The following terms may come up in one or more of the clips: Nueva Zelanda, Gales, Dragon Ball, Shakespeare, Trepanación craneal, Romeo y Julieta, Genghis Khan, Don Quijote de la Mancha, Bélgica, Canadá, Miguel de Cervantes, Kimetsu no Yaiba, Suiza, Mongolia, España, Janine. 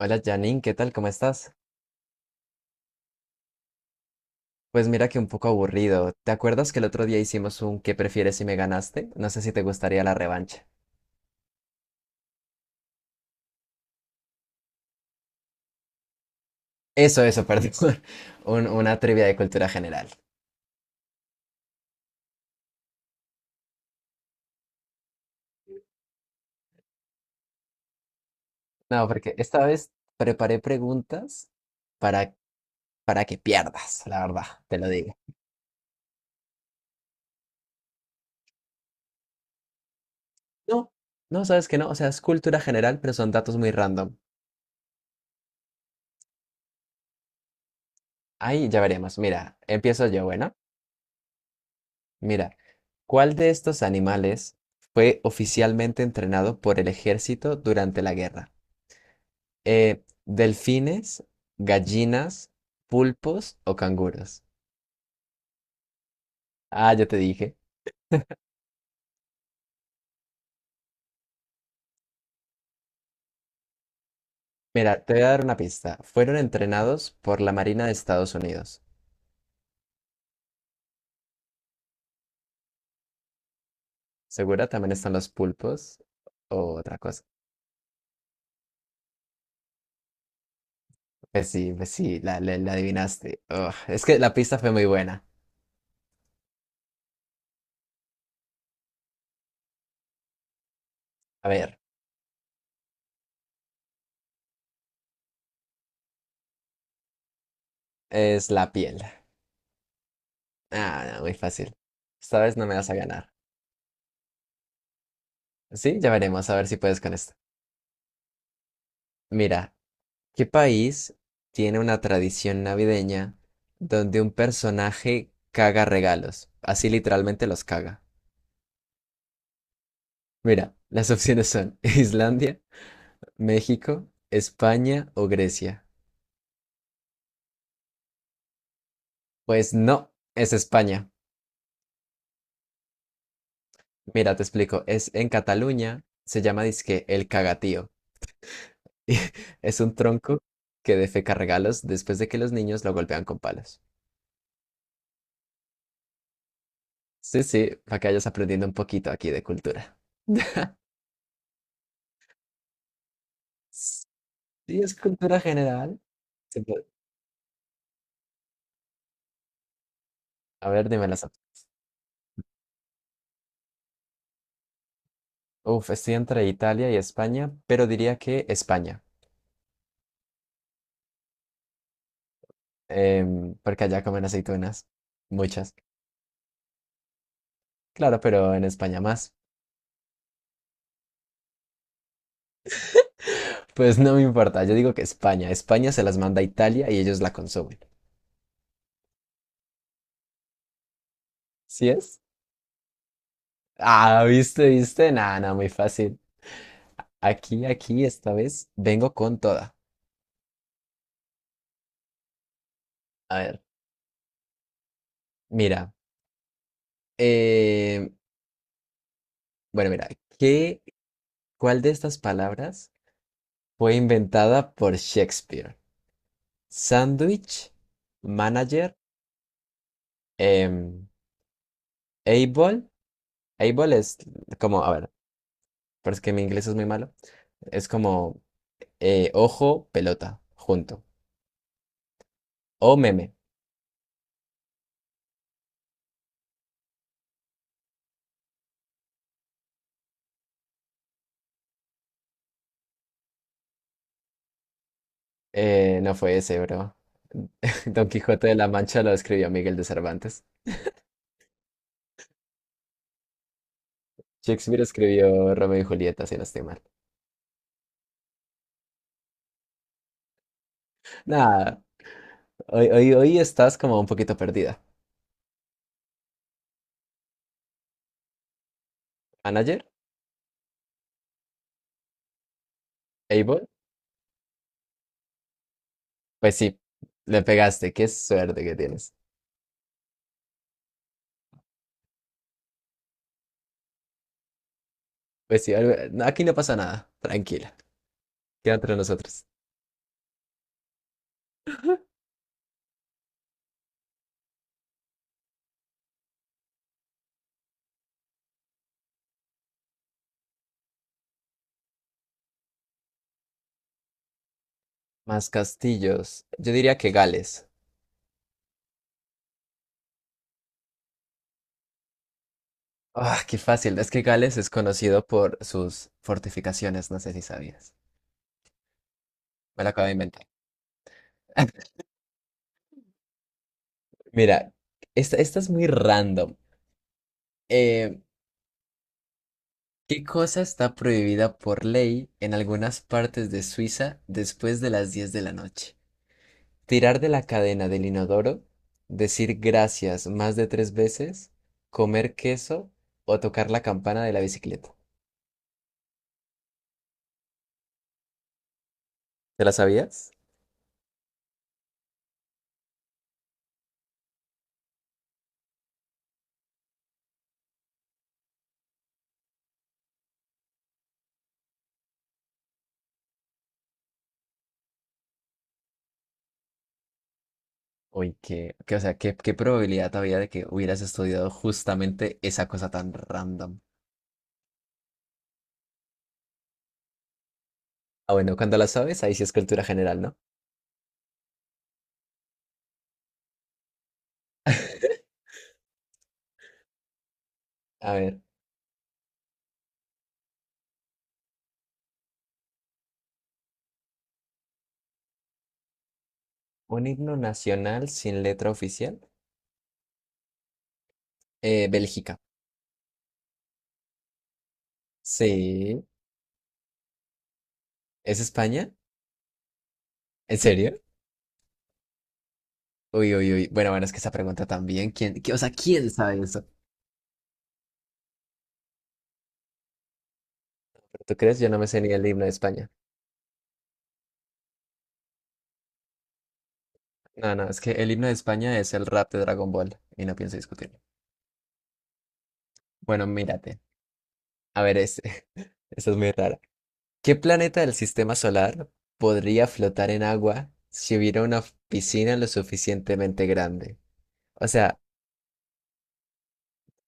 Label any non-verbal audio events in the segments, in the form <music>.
Hola Janine, ¿qué tal? ¿Cómo estás? Pues mira que un poco aburrido. ¿Te acuerdas que el otro día hicimos un ¿qué prefieres si me ganaste? No sé si te gustaría la revancha. Eso, perdón. <laughs> Una trivia de cultura general. No, porque esta vez preparé preguntas para, para que pierdas, la verdad, te lo digo. No, no, sabes que no. O sea, es cultura general, pero son datos muy random. Ahí ya veremos. Mira, empiezo yo, bueno. Mira, ¿cuál de estos animales fue oficialmente entrenado por el ejército durante la guerra? ¿delfines, gallinas, pulpos o canguros? Ah, ya te dije. Mira, te voy a dar una pista. Fueron entrenados por la Marina de Estados Unidos. ¿Segura? También están los pulpos o otra cosa. Pues sí, la adivinaste. Ugh, es que la pista fue muy buena. A ver, es la piel. Ah, no, muy fácil. Esta vez no me vas a ganar. Sí, ya veremos a ver si puedes con esto. Mira, ¿qué país tiene una tradición navideña donde un personaje caga regalos? Así literalmente los caga. Mira, las opciones son <laughs> Islandia, México, España o Grecia. Pues no, es España. Mira, te explico, es en Cataluña, se llama dizque el cagatío. <laughs> Y es un tronco que defeca regalos después de que los niños lo golpean con palos. Sí, sí, para que vayas aprendiendo un poquito aquí de cultura. Sí, es cultura general. Se puede- A ver, dime las otras. Uf, estoy entre Italia y España, pero diría que España, porque allá comen aceitunas, muchas. Claro, pero en España más. Pues no me importa, yo digo que España. España se las manda a Italia y ellos la consumen. ¿Sí es? Ah, viste, viste. Nada, nada, muy fácil. Aquí, aquí, esta vez vengo con toda. A ver, mira. em, bueno, mira, ¿qué, cuál de estas palabras fue inventada por Shakespeare? Sandwich, manager, em, able. Able es como, a ver, pero es que mi inglés es muy malo. Es como ojo, pelota, junto. O meme. No fue ese, bro. <laughs> Don Quijote de la Mancha lo escribió Miguel de Cervantes. Shakespeare escribió Romeo y Julieta, si no estoy mal. Nada, hoy, hoy, hoy estás como un poquito perdida. ¿Manager? ¿Able? Pues sí, le pegaste. Qué suerte que tienes. Pues sí, algo- aquí no pasa nada. Tranquila. Queda entre nosotros. Más castillos. Yo diría que Gales. Ah, qué fácil. Es que Gales es conocido por sus fortificaciones. No sé si sabías. Me lo acabo de inventar. <laughs> Mira, esta es muy random. Eh, ¿qué cosa está prohibida por ley en algunas partes de Suiza después de las 10 de la noche? Tirar de la cadena del inodoro, decir gracias más de tres veces, comer queso o tocar la campana de la bicicleta. ¿Te la sabías? Uy, o sea, qué probabilidad había de que hubieras estudiado justamente esa cosa tan random. Ah, bueno, cuando la sabes, ahí sí es cultura general, ¿no? A ver, un himno nacional sin letra oficial. Bélgica. Sí. ¿Es España? ¿En serio? Uy, uy, uy. Bueno, bueno, es que esa pregunta también, o sea, ¿quién sabe eso? ¿Tú crees? Yo no me sé ni el himno de España. No, no, es que el himno de España es el rap de Dragon Ball y no pienso discutirlo. Bueno, mírate. A ver, este. <laughs> Esta es muy rara. ¿Qué planeta del sistema solar podría flotar en agua si hubiera una piscina lo suficientemente grande? O sea,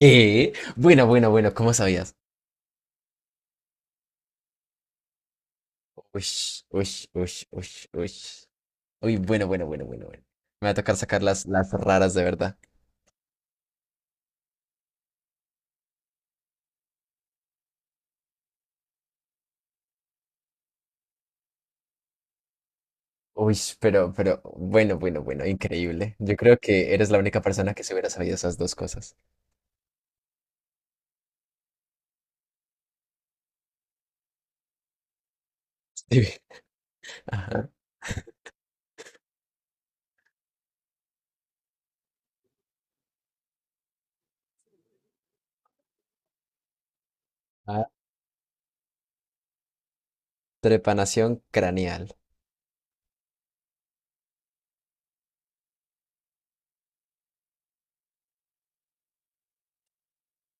¿eh? Bueno, bueno, bueno, ¿cómo sabías? Ush, uy, uy, uy, uy. Uy, bueno, bueno, bueno, bueno, bueno. Me va a tocar sacar las raras de verdad. Uy, pero, bueno, bueno, bueno, increíble. Yo creo que eres la única persona que se hubiera sabido esas dos cosas. <laughs> Sí. Ajá. Ah, trepanación craneal.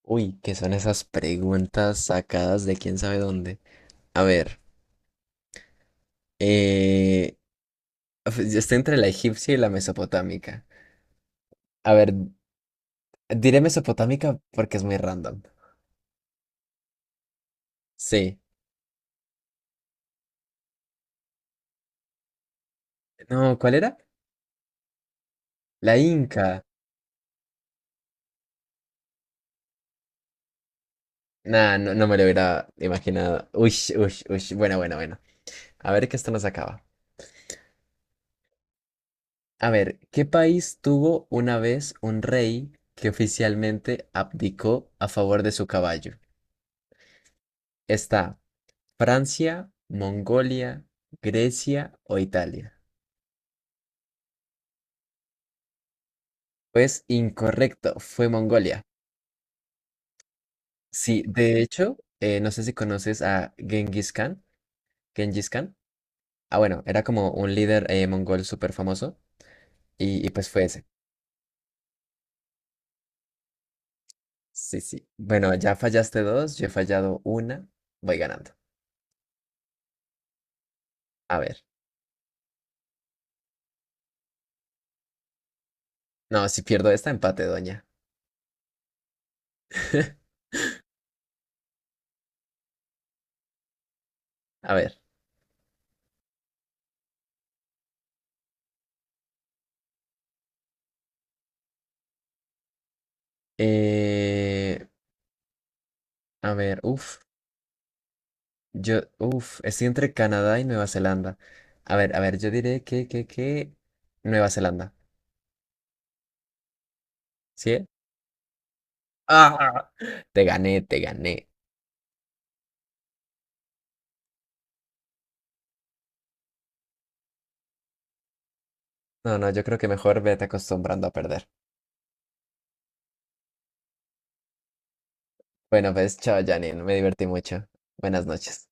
Uy, ¿qué son esas preguntas sacadas de quién sabe dónde? A ver, eh, yo estoy entre la egipcia y la mesopotámica. A ver, diré mesopotámica porque es muy random. Sí. No, ¿cuál era? La inca. Nah, no, no me lo hubiera imaginado. Uy, uy, uy. Bueno, bueno, bueno. A ver que esto nos acaba. A ver, ¿qué país tuvo una vez un rey que oficialmente abdicó a favor de su caballo? ¿Está Francia, Mongolia, Grecia o Italia? Pues incorrecto, fue Mongolia. Sí, de hecho, no sé si conoces a Genghis Khan. Genghis Khan. Ah, bueno, era como un líder mongol súper famoso y pues fue ese. Sí, sí. Bueno, ya fallaste dos, yo he fallado una, voy ganando. A ver. No, si pierdo esta, empate, doña. <laughs> A ver. eh, a ver, uff. Yo, estoy entre Canadá y Nueva Zelanda. A ver, yo diré que Nueva Zelanda. ¿Sí? ¡Ah! Te gané, te gané. No, no, yo creo que mejor vete acostumbrando a perder. Bueno, pues, chao, Janine. Me divertí mucho. Buenas noches.